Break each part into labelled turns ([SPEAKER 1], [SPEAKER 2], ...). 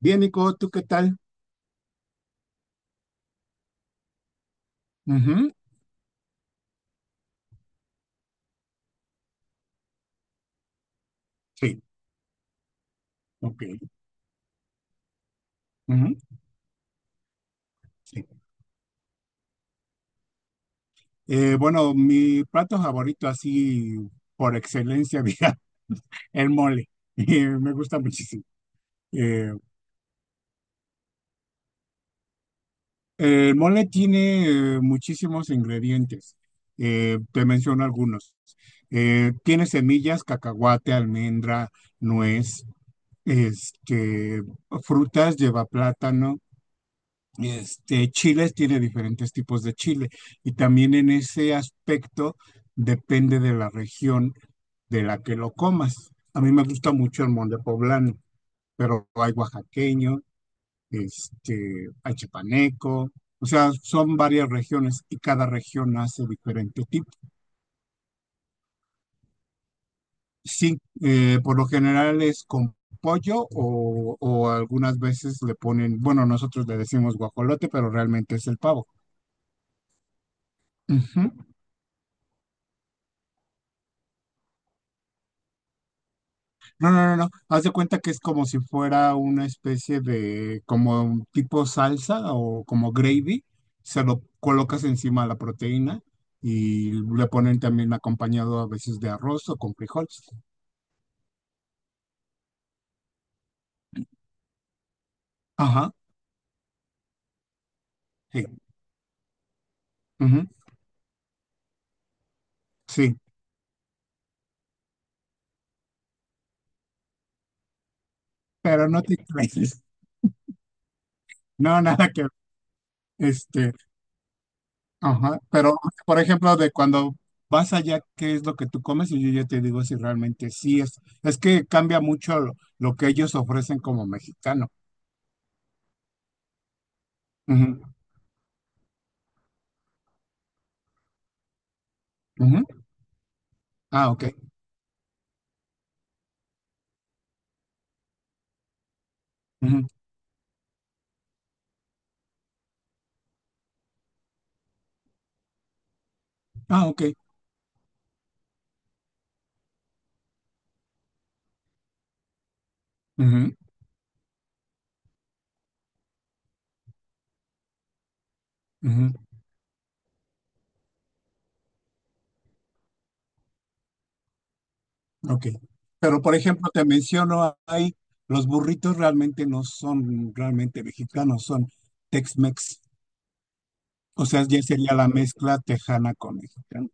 [SPEAKER 1] Bien, Nico, ¿tú qué tal? Ujú, sí, ok, ujú, sí. Bueno, mi plato favorito así por excelencia, diga, el mole. Me gusta muchísimo. Eh, el mole tiene muchísimos ingredientes. Te menciono algunos. Tiene semillas, cacahuate, almendra, nuez, este, frutas, lleva plátano. Chiles, tiene diferentes tipos de chile y también en ese aspecto depende de la región de la que lo comas. A mí me gusta mucho el mole poblano, pero hay oaxaqueño, hay chipaneco, o sea, son varias regiones y cada región hace diferente tipo. Sí, por lo general es con pollo o algunas veces le ponen, bueno, nosotros le decimos guajolote, pero realmente es el pavo. Ujú. No, no, no, no. Haz de cuenta que es como si fuera una especie de, como un tipo salsa o como gravy. Se lo colocas encima de la proteína y le ponen también acompañado a veces de arroz o con frijoles. Ajá, sí, ujú, sí, pero no te crees. No, nada que ver. Este, ajá, pero por ejemplo, de cuando vas allá, ¿qué es lo que tú comes? Y yo ya te digo si realmente sí es. Es que cambia mucho lo que ellos ofrecen como mexicano. Ujú, ujú. Ah, ok. Ujú. Ah, ok. Ujú, ujú, ok. Pero, por ejemplo, te menciono ahí, los burritos realmente no son realmente mexicanos, son Tex-Mex. O sea, ya sería la mezcla tejana con mexicano.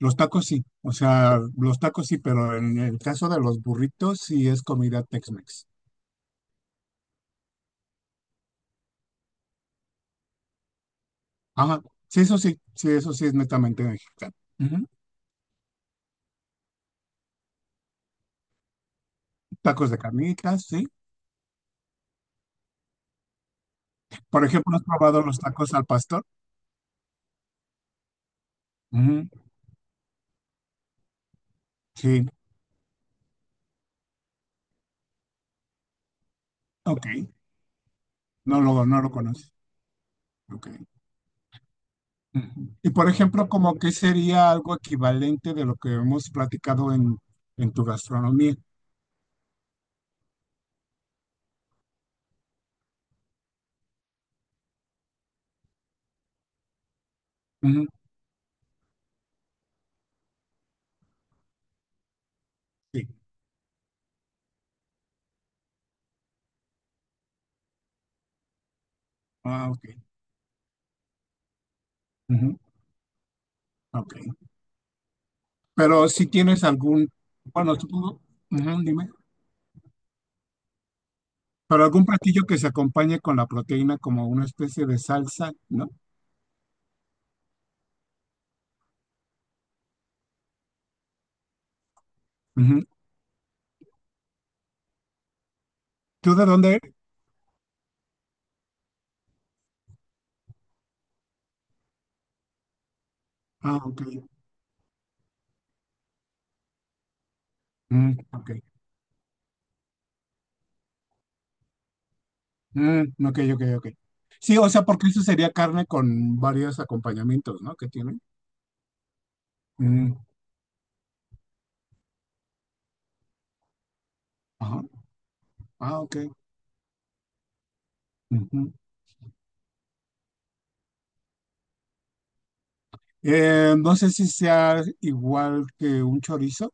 [SPEAKER 1] Los tacos sí, o sea, los tacos sí, pero en el caso de los burritos sí es comida Tex-Mex. Ajá. Sí, eso sí es netamente mexicano. Ujú. Tacos de carnitas, sí. Por ejemplo, ¿has probado los tacos al pastor? Ujú, sí, ok. No lo conoces. Ok. Ujú. Y por ejemplo, como que sería algo equivalente de lo que hemos platicado en tu gastronomía. Ujú, sí. Ah, ok. Ujú, ok. Pero si tienes algún, bueno, supongo, ujú, dime, pero algún platillo que se acompañe con la proteína como una especie de salsa, ¿no? Ujú. ¿Tú de dónde eres? Ah, ok. Mm, ok. Mm, ok, ok, ok. Sí, o sea, porque eso sería carne con varios acompañamientos, ¿no? Que tiene. Mm, ajá. Ah, ok. Ujú. No sé si sea igual que un chorizo.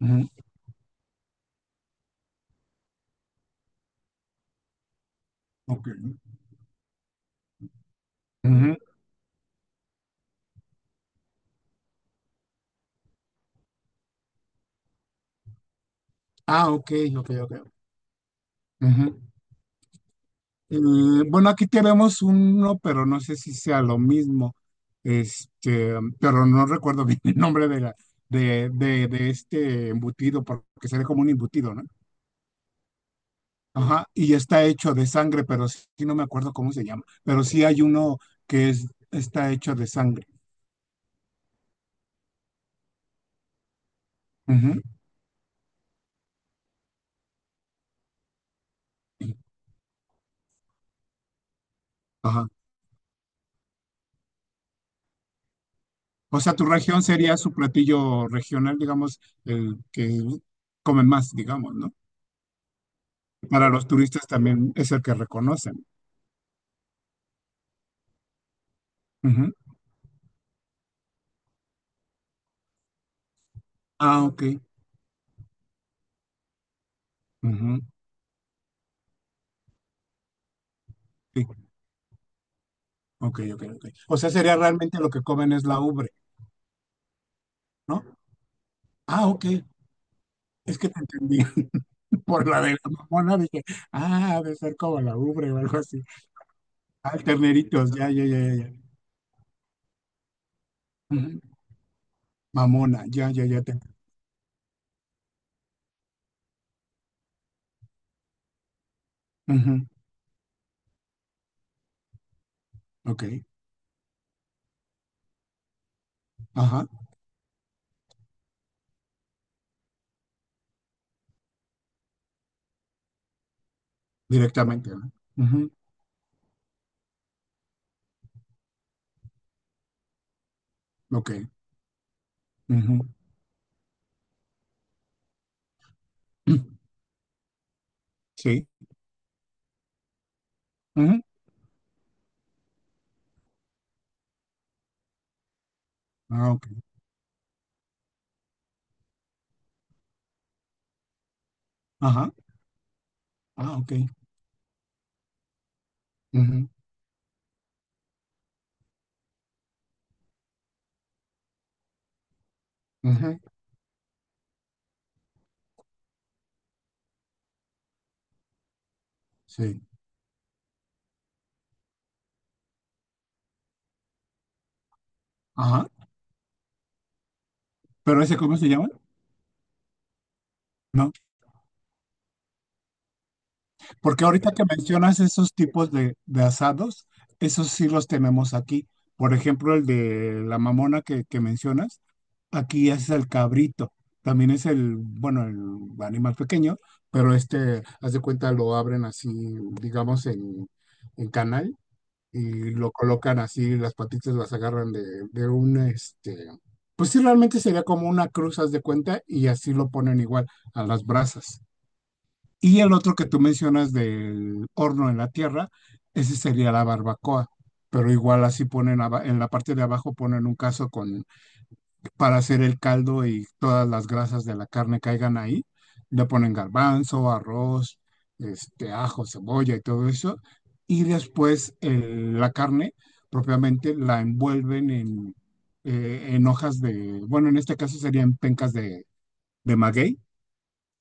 [SPEAKER 1] Ujú. Ok. Ujú. Ah, ok, ok, ok. Ujú. Eh, bueno, aquí tenemos uno, pero no sé si sea lo mismo. Este, pero no recuerdo bien el nombre de la, de este embutido, porque sería como un embutido, ¿no? Ajá. Y está hecho de sangre, pero sí no me acuerdo cómo se llama. Pero sí hay uno que es, está hecho de sangre. Ujú. Ajá. O sea, tu región sería su platillo regional, digamos, el que comen más, digamos, ¿no? Para los turistas también es el que reconocen. Ujú. Ah, ok. Ujú. Sí. Ok, ok, ok. O sea, sería realmente lo que comen es la ubre, ¿no? Ah, ok. Es que te entendí por la de la mamona, dije, ah, ha de ser como la ubre o algo así. Ah, terneritos, ya, ya, ya, ya, ya. Ujú. Mamona, ya, ya, ya. Te... Ujú. Ok. Ajá. Directamente, ¿no? Ujú. Ok. Ujú. Sí. Ujú. Ah, ok. Ajá. Ah, ok. Ujú, ujú. Sí. Ajá. ¿Pero ese cómo se llama? No. Porque ahorita que mencionas esos tipos de asados, esos sí los tenemos aquí. Por ejemplo, el de la mamona que mencionas, aquí es el cabrito. También es el, bueno, el animal pequeño, pero haz de cuenta, lo abren así, digamos, en canal y lo colocan así, las patitas las agarran de un, pues sí, realmente sería como una cruz, haz de cuenta, y así lo ponen igual a las brasas. Y el otro que tú mencionas del horno en la tierra, ese sería la barbacoa, pero igual así ponen en la parte de abajo ponen un caso con para hacer el caldo y todas las grasas de la carne caigan ahí. Le ponen garbanzo, arroz, ajo, cebolla y todo eso. Y después la carne propiamente la envuelven en hojas de, bueno, en este caso serían pencas de maguey.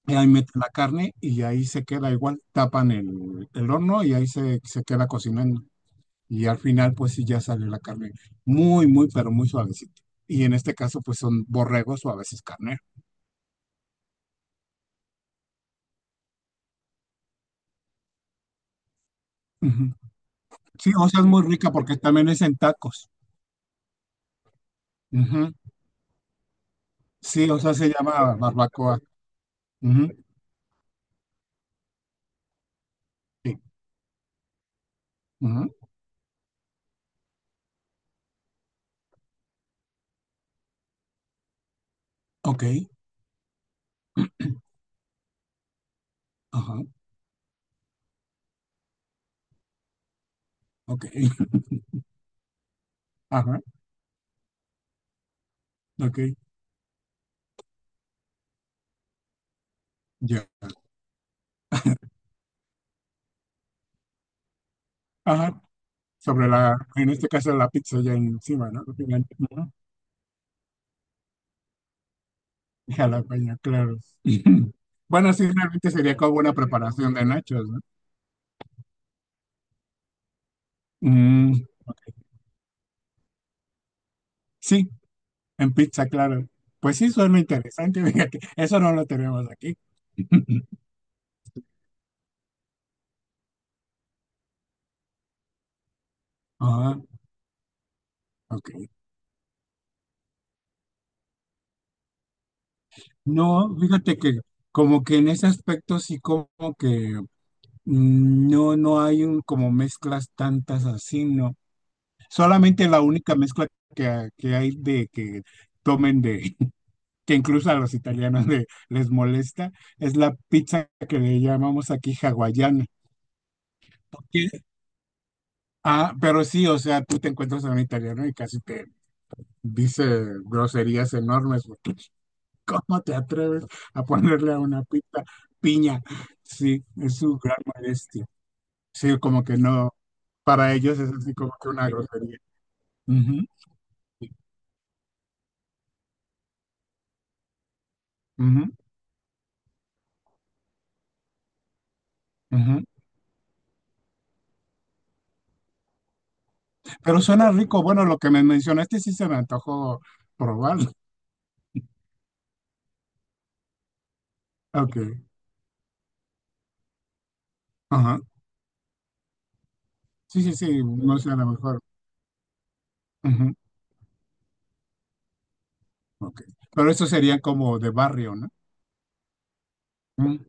[SPEAKER 1] Y ahí meten la carne y ahí se queda igual, tapan el horno y ahí se, se queda cocinando y al final pues sí ya sale la carne muy, muy, pero muy suavecita. Y en este caso pues son borregos o a veces carne. Ujú. Sí, o sea, es muy rica porque también es en tacos. Ujú. Sí, o sea, se llama barbacoa. Ujú, sí. Ujú. Ok, ajá, ok, ajá, ok, ya. Ajá, sobre la, en este caso la pizza ya encima, ¿no? Gigante. Ujú. Jalapeño, claro. Bueno, sí, realmente sería como una preparación de nachos, ¿no? Mm, ok. Sí, en pizza, claro. Pues sí, suena interesante, fíjate. Eso no lo tenemos aquí. Ajá, ok. No, fíjate que como que en ese aspecto sí como que mm, no, no hay un como mezclas tantas así, ¿no? Solamente la única mezcla que hay de que tomen de, que incluso a los italianos de- les molesta, es la pizza que le llamamos aquí hawaiana. ¿Qué? Ah, pero sí, o sea, tú te encuentras a un italiano y casi te dice groserías enormes, porque ¿cómo te atreves a ponerle a una pita piña? Sí, es su gran molestia. Sí, como que no, para ellos es así como que una grosería. Ujú, ujú, ujú. Pero suena rico, bueno, lo que me mencionaste sí se me antojó probarlo. Ok, ajá. Sí, sí, sí, no sé, a lo mejor. Ujú, ok. Pero eso sería como de barrio, ¿no? Mm,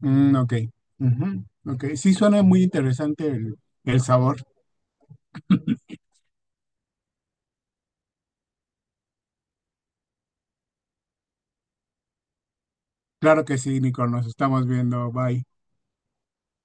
[SPEAKER 1] mm, ok. Ujú, ok. Sí, suena muy interesante el sabor. Claro que sí, Nico, nos estamos viendo. Bye.